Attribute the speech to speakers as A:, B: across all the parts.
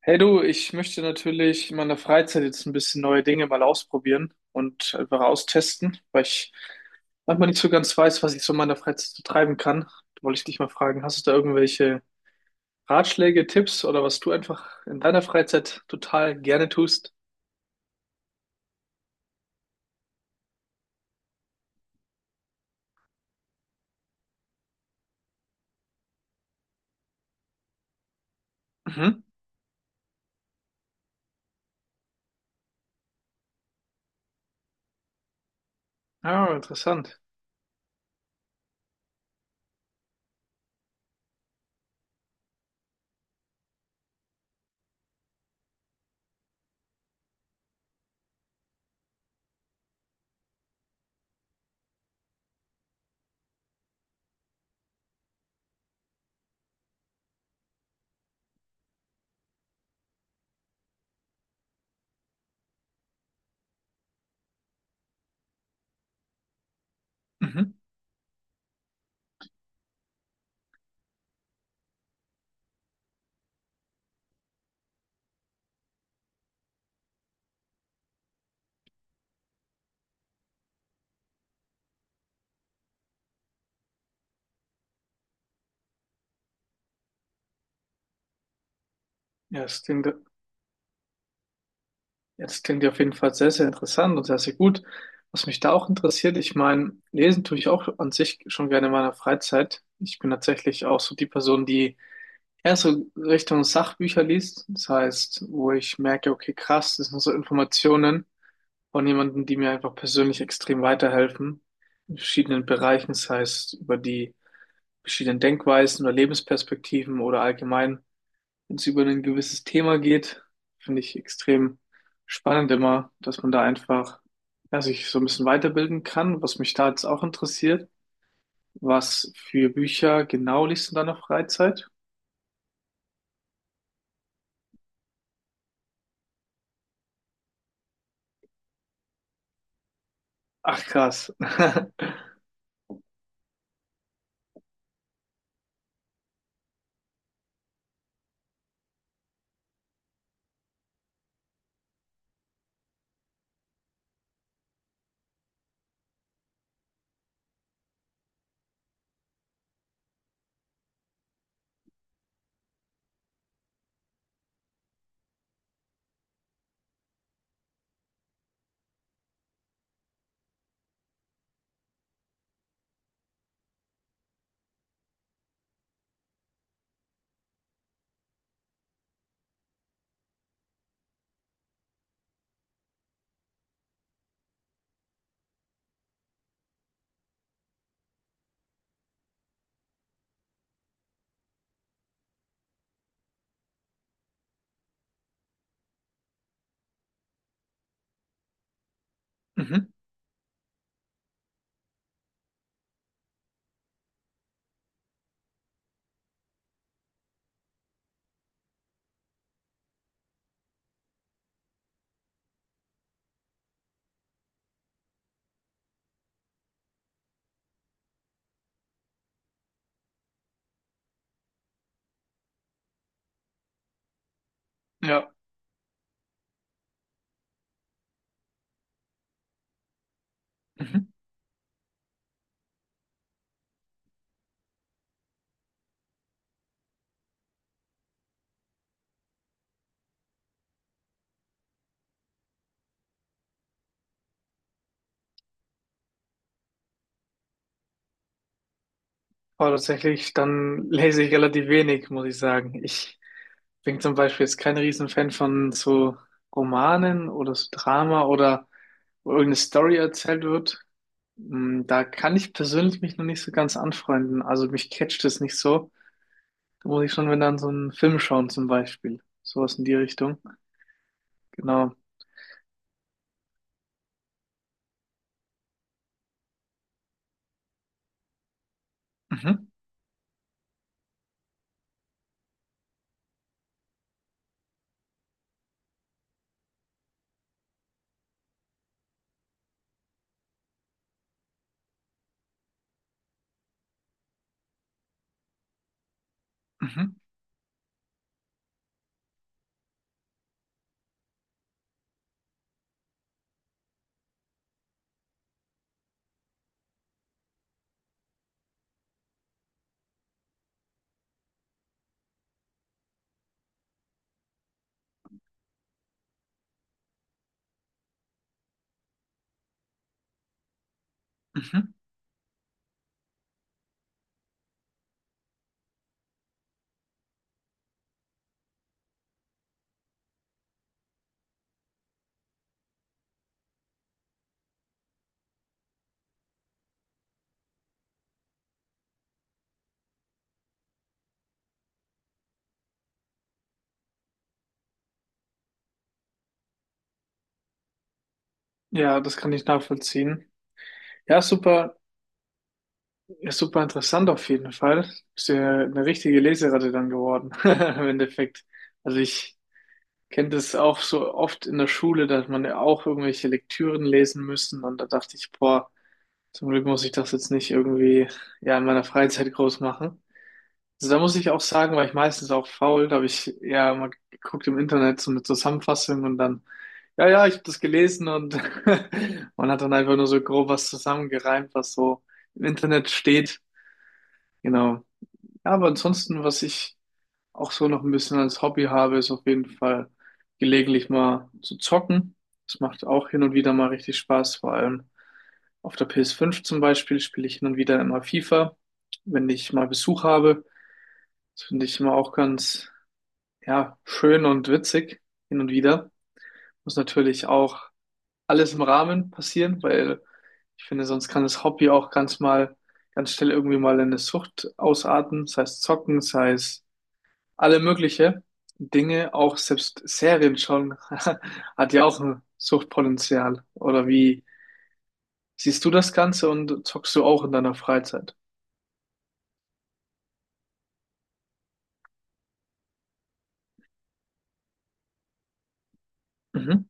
A: Hey du, ich möchte natürlich in meiner Freizeit jetzt ein bisschen neue Dinge mal ausprobieren und einfach austesten, weil ich manchmal nicht so ganz weiß, was ich so in meiner Freizeit so treiben kann. Da wollte ich dich mal fragen, hast du da irgendwelche Ratschläge, Tipps oder was du einfach in deiner Freizeit total gerne tust? Mhm. Ah, interessant. Mhm. Ja, das klingt, jetzt klingt ja auf jeden Fall sehr, sehr interessant und sehr, sehr gut. Was mich da auch interessiert, ich meine, lesen tue ich auch an sich schon gerne in meiner Freizeit. Ich bin tatsächlich auch so die Person, die ja, so Richtung Sachbücher liest. Das heißt, wo ich merke, okay, krass, das sind so Informationen von jemandem, die mir einfach persönlich extrem weiterhelfen. In verschiedenen Bereichen. Das heißt, über die verschiedenen Denkweisen oder Lebensperspektiven oder allgemein, wenn es über ein gewisses Thema geht, finde ich extrem spannend immer, dass man da einfach, ja, sich so ein bisschen weiterbilden kann, was mich da jetzt auch interessiert. Was für Bücher genau liest du in deiner Freizeit? Ach, krass. Mhm. Ja, mhm. Aber tatsächlich, dann lese ich relativ wenig, muss ich sagen. Ich bin zum Beispiel jetzt kein Riesenfan von so Romanen oder so Drama oder wo irgendeine Story erzählt wird. Mm. Da kann ich persönlich mich noch nicht so ganz anfreunden. Also mich catcht es nicht so. Da muss ich schon, wenn dann so einen Film schauen zum Beispiel. Sowas in die Richtung. Genau. Mhm. Mhm. Mhm. Ja, das kann ich nachvollziehen. Ja, super. Ist super interessant auf jeden Fall. Bist ja eine richtige Leseratte dann geworden, im Endeffekt. Also ich kenne das auch so oft in der Schule, dass man ja auch irgendwelche Lektüren lesen müssen, und da dachte ich, boah, zum Glück muss ich das jetzt nicht irgendwie ja in meiner Freizeit groß machen. Also da muss ich auch sagen, war ich meistens auch faul, da habe ich ja mal geguckt im Internet so eine Zusammenfassung, und dann, ja, ja, ich habe das gelesen und man hat dann einfach nur so grob was zusammengereimt, was so im Internet steht. Genau. Ja, aber ansonsten, was ich auch so noch ein bisschen als Hobby habe, ist auf jeden Fall gelegentlich mal zu zocken. Das macht auch hin und wieder mal richtig Spaß. Vor allem auf der PS5 zum Beispiel spiele ich hin und wieder immer FIFA, wenn ich mal Besuch habe. Das finde ich immer auch ganz, ja, schön und witzig hin und wieder. Muss natürlich auch alles im Rahmen passieren, weil ich finde, sonst kann das Hobby auch ganz schnell irgendwie mal in eine Sucht ausarten, sei es zocken, sei es alle mögliche Dinge, auch selbst Serien schon, hat ja auch ein Suchtpotenzial. Oder wie siehst du das Ganze und zockst du auch in deiner Freizeit? Mhm.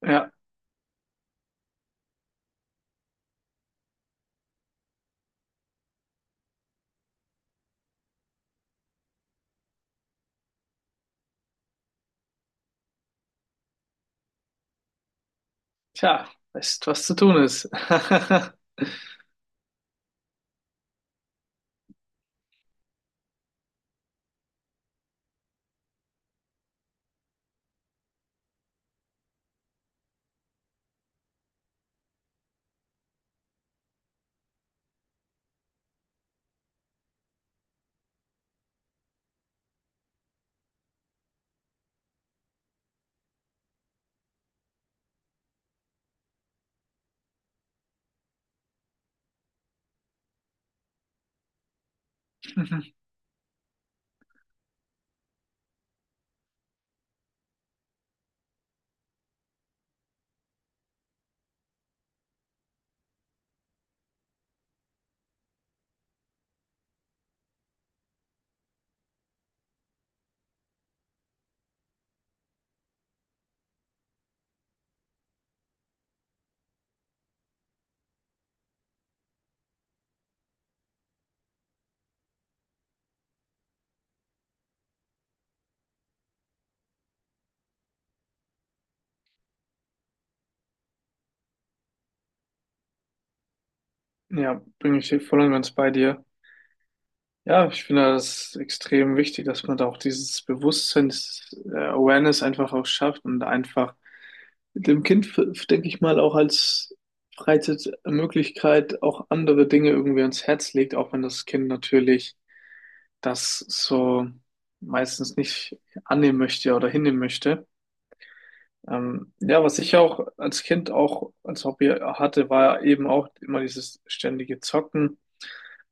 A: Ja, tja, weißt, was zu tun ist. Ja, bin ich voll und ganz bei dir. Ja, ich finde das extrem wichtig, dass man da auch dieses Bewusstseins, Awareness einfach auch schafft und einfach mit dem Kind, denke ich mal, auch als Freizeitmöglichkeit auch andere Dinge irgendwie ans Herz legt, auch wenn das Kind natürlich das so meistens nicht annehmen möchte oder hinnehmen möchte. Ja, was ich auch als Kind auch als Hobby hatte, war eben auch immer dieses ständige Zocken.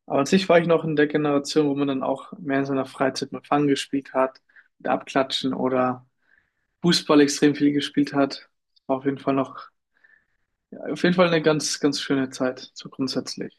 A: Aber an sich war ich noch in der Generation, wo man dann auch mehr in seiner Freizeit mit Fang gespielt hat, mit Abklatschen oder Fußball extrem viel gespielt hat. War auf jeden Fall noch Auf jeden Fall eine ganz, ganz schöne Zeit, so grundsätzlich.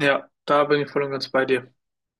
A: Ja, da bin ich voll und ganz bei dir.